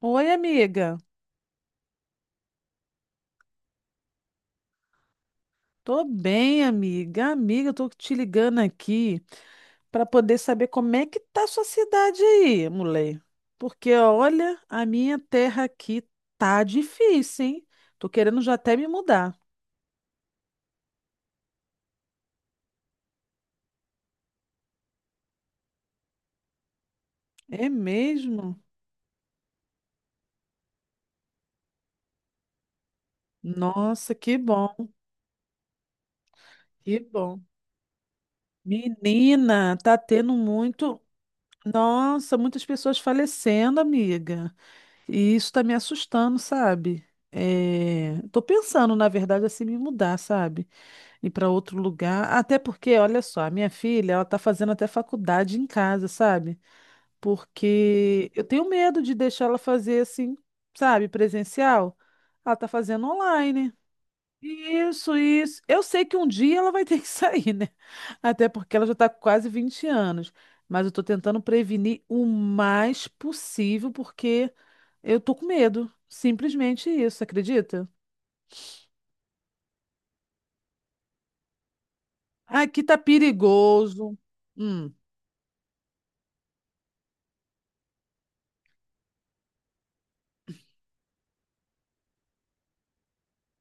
Oi, amiga. Tô bem, amiga. Amiga, eu tô te ligando aqui para poder saber como é que tá a sua cidade aí, mulher. Porque olha, a minha terra aqui tá difícil, hein? Tô querendo já até me mudar. É mesmo? Nossa, que bom, que bom. Menina, tá tendo muito. Nossa, muitas pessoas falecendo, amiga. E isso tá me assustando, sabe? É... Tô pensando, na verdade, assim, me mudar, sabe? Ir para outro lugar. Até porque, olha só, a minha filha, ela tá fazendo até faculdade em casa, sabe? Porque eu tenho medo de deixar ela fazer assim, sabe, presencial. Ela tá fazendo online. Isso, isso. Eu sei que um dia ela vai ter que sair, né? Até porque ela já está com quase 20 anos. Mas eu estou tentando prevenir o mais possível, porque eu tô com medo. Simplesmente isso, acredita? Aqui tá perigoso. Hum.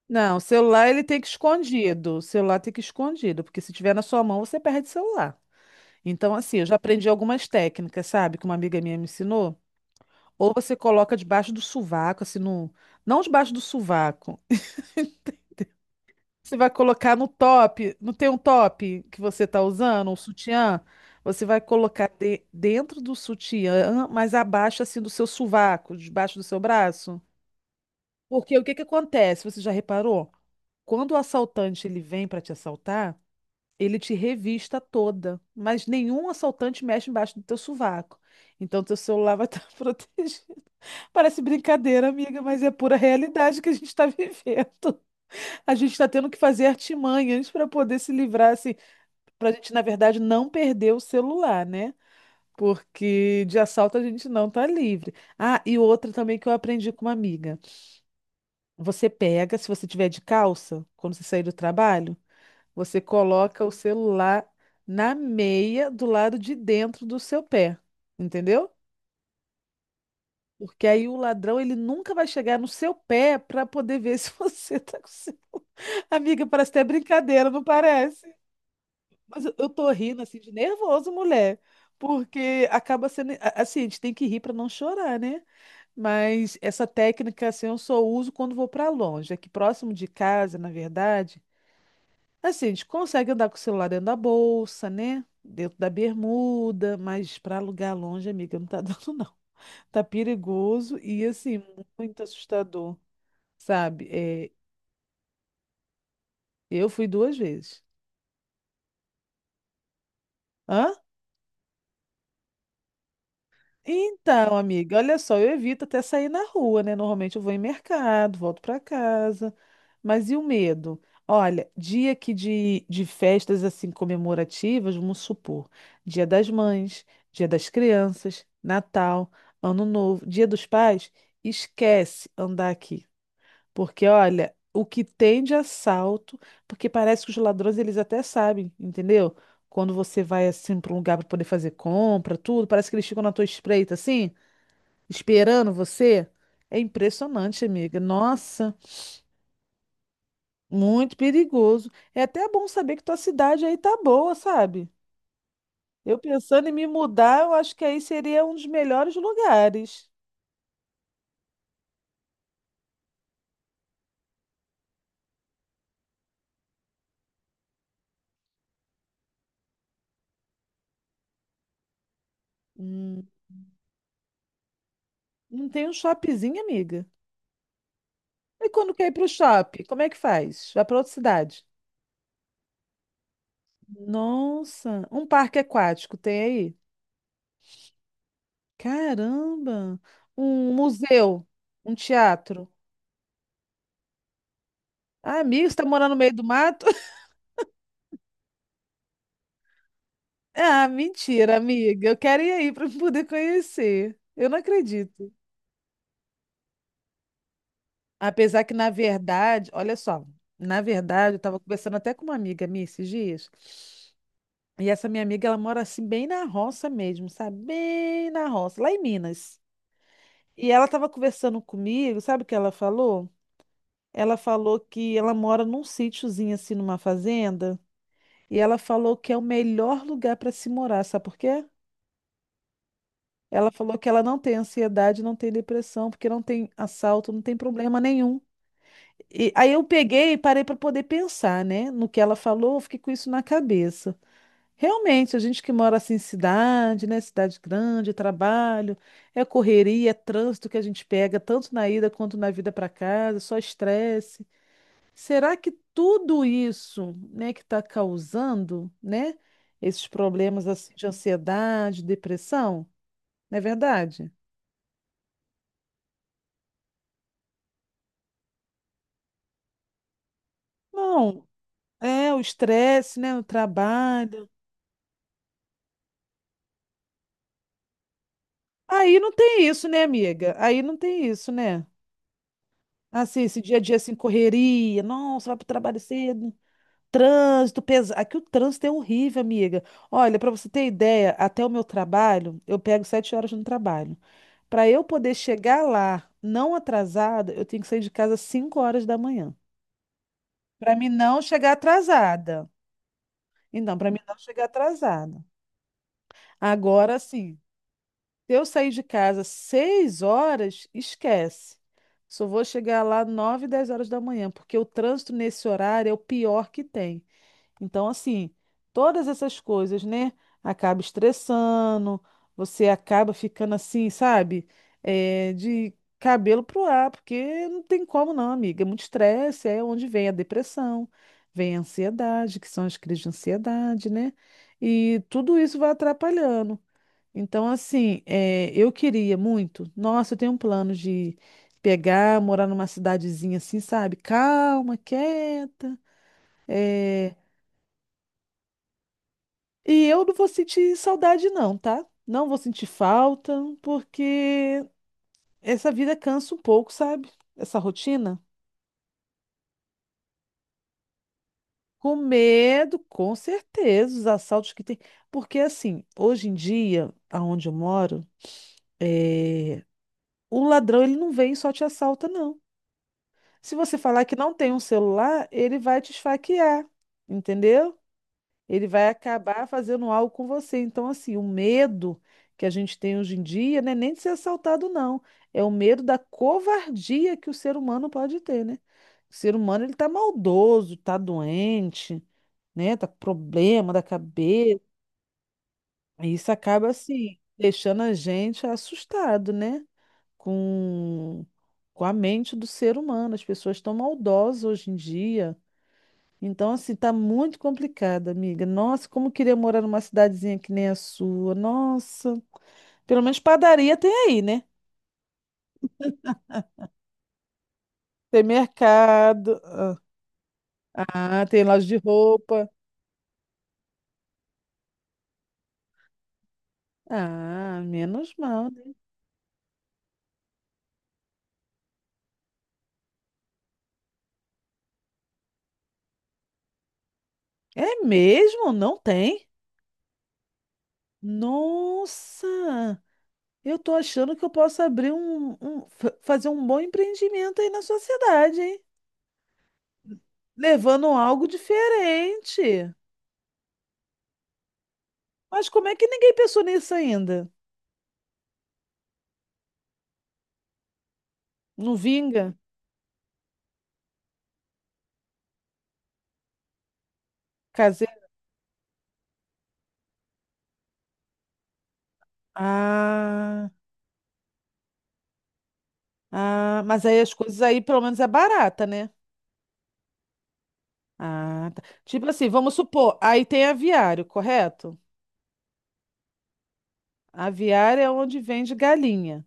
Não, o celular ele tem que ir escondido. O celular tem que ir escondido, porque se tiver na sua mão, você perde o celular. Então, assim, eu já aprendi algumas técnicas, sabe, que uma amiga minha me ensinou. Ou você coloca debaixo do sovaco, assim, no... não debaixo do sovaco. Você vai colocar no top, não tem um top que você tá usando, um sutiã? Você vai colocar dentro do sutiã, mas abaixo, assim, do seu sovaco, debaixo do seu braço. Porque o que que acontece? Você já reparou? Quando o assaltante ele vem para te assaltar, ele te revista toda, mas nenhum assaltante mexe embaixo do teu sovaco. Então teu celular vai estar protegido. Parece brincadeira, amiga, mas é pura realidade que a gente está vivendo. A gente está tendo que fazer artimanhas para poder se livrar, assim, para a gente, na verdade, não perder o celular, né? Porque de assalto a gente não tá livre. Ah, e outra também que eu aprendi com uma amiga. Você pega, se você tiver de calça, quando você sair do trabalho, você coloca o celular na meia do lado de dentro do seu pé, entendeu? Porque aí o ladrão ele nunca vai chegar no seu pé para poder ver se você tá com o seu... Amiga, parece até brincadeira, não parece? Mas eu tô rindo assim de nervoso, mulher, porque acaba sendo assim, a gente tem que rir para não chorar, né? Mas essa técnica assim, eu só uso quando vou para longe. Aqui próximo de casa, na verdade, assim, a gente consegue andar com o celular dentro da bolsa, né? Dentro da bermuda, mas para alugar longe, amiga, não tá dando, não. Tá perigoso e, assim, muito assustador, sabe? É, eu fui duas vezes. Hã? Então, amiga, olha só, eu evito até sair na rua, né? Normalmente eu vou em mercado, volto para casa. Mas e o medo? Olha, dia aqui de festas assim comemorativas, vamos supor, Dia das Mães, Dia das Crianças, Natal, Ano Novo, Dia dos Pais, esquece andar aqui. Porque, olha, o que tem de assalto, porque parece que os ladrões eles até sabem, entendeu? Quando você vai assim para um lugar para poder fazer compra, tudo, parece que eles ficam na tua espreita assim, esperando você. É impressionante, amiga. Nossa, muito perigoso. É até bom saber que tua cidade aí tá boa, sabe? Eu pensando em me mudar, eu acho que aí seria um dos melhores lugares. Hum, não tem um shoppingzinho, amiga? E quando quer ir pro shopping, como é que faz? Vai para outra cidade? Nossa, um parque aquático tem aí? Caramba! Um museu, um teatro. Ah, amigo, você tá morando no meio do mato? Ah, mentira, amiga. Eu quero ir aí para poder conhecer. Eu não acredito. Apesar que, na verdade, olha só, na verdade, eu estava conversando até com uma amiga minha esses dias. E essa minha amiga, ela mora assim, bem na roça mesmo, sabe? Bem na roça, lá em Minas. E ela estava conversando comigo, sabe o que ela falou? Ela falou que ela mora num sítiozinho assim, numa fazenda, e ela falou que é o melhor lugar para se morar, sabe por quê? Ela falou que ela não tem ansiedade, não tem depressão, porque não tem assalto, não tem problema nenhum. E aí eu peguei e parei para poder pensar, né, no que ela falou, eu fiquei com isso na cabeça. Realmente, a gente que mora assim em cidade, né, cidade grande, trabalho, é correria, é trânsito que a gente pega tanto na ida quanto na vida para casa, só estresse. Será que tudo isso, né, que está causando, né, esses problemas assim de ansiedade, depressão, não é verdade? Não, é o estresse, né, o trabalho. Aí não tem isso, né, amiga? Aí não tem isso, né? Assim, esse dia a dia assim, correria, nossa, vai pro trabalho cedo. Trânsito pesado. Aqui o trânsito é horrível, amiga. Olha, para você ter ideia, até o meu trabalho, eu pego 7 horas no trabalho. Para eu poder chegar lá não atrasada, eu tenho que sair de casa às 5 horas da manhã. Para mim não chegar atrasada. Então, para mim não chegar atrasada. Agora sim, se eu sair de casa às 6 horas, esquece. Só vou chegar lá 9 10 horas da manhã, porque o trânsito nesse horário é o pior que tem. Então, assim, todas essas coisas, né? Acaba estressando, você acaba ficando assim, sabe? É, de cabelo pro ar, porque não tem como não, amiga. É muito estresse, é onde vem a depressão, vem a ansiedade, que são as crises de ansiedade, né? E tudo isso vai atrapalhando. Então, assim, é, eu queria muito. Nossa, eu tenho um plano de pegar, morar numa cidadezinha assim, sabe? Calma, quieta. eh, E eu não vou sentir saudade, não, tá? Não vou sentir falta, porque essa vida cansa um pouco, sabe? Essa rotina. Com medo, com certeza, os assaltos que tem. Porque, assim, hoje em dia, aonde eu moro, é... o ladrão ele não vem e só te assalta, não. Se você falar que não tem um celular, ele vai te esfaquear, entendeu? Ele vai acabar fazendo algo com você. Então, assim, o medo que a gente tem hoje em dia não é nem de ser assaltado, não. É o medo da covardia que o ser humano pode ter, né? O ser humano, ele tá maldoso, tá doente, né? Tá com problema da cabeça. E isso acaba, assim, deixando a gente assustado, né? Com, com a mente do ser humano. As pessoas estão maldosas hoje em dia. Então, assim, tá muito complicado, amiga. Nossa, como eu queria morar numa cidadezinha que nem a sua. Nossa. Pelo menos padaria tem aí, né? Tem mercado. Ah, tem loja de roupa. Ah, menos mal, né? É mesmo? Não tem? Nossa! Eu tô achando que eu posso abrir fazer um bom empreendimento aí na sua cidade, hein? Levando algo diferente. Mas como é que ninguém pensou nisso ainda? Não vinga? Ah, ah, mas aí as coisas aí pelo menos é barata, né? Ah, tá. Tipo assim, vamos supor, aí tem aviário, correto? Aviário é onde vende galinha.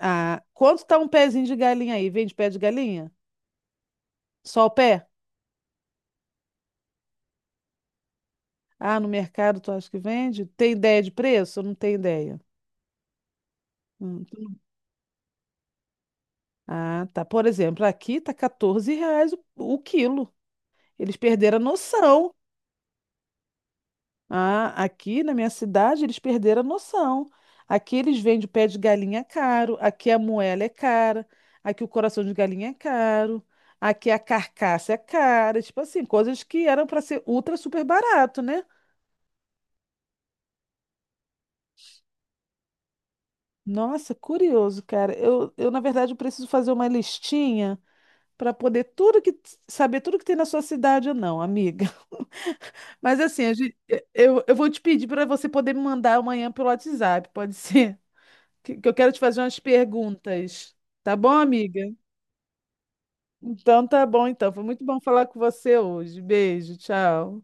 Ah, quanto tá um pezinho de galinha aí? Vende pé de galinha? Só o pé? Ah, no mercado tu acha que vende? Tem ideia de preço? Não tem ideia. Tu não- Ah, tá. Por exemplo, aqui tá R$ 14 o quilo. Eles perderam a noção. Ah, aqui na minha cidade eles perderam a noção. Aqui eles vendem o pé de galinha caro, aqui a moela é cara, aqui o coração de galinha é caro, aqui a carcaça é cara, tipo assim, coisas que eram para ser ultra super barato, né? Nossa, curioso, cara. Eu na verdade eu preciso fazer uma listinha para poder tudo que saber tudo que tem na sua cidade ou não, amiga. Mas assim, a gente- eu vou te pedir para você poder me mandar amanhã pelo WhatsApp, pode ser? Que eu quero te fazer umas perguntas. Tá bom, amiga? Então tá bom, então. Foi muito bom falar com você hoje. Beijo, tchau.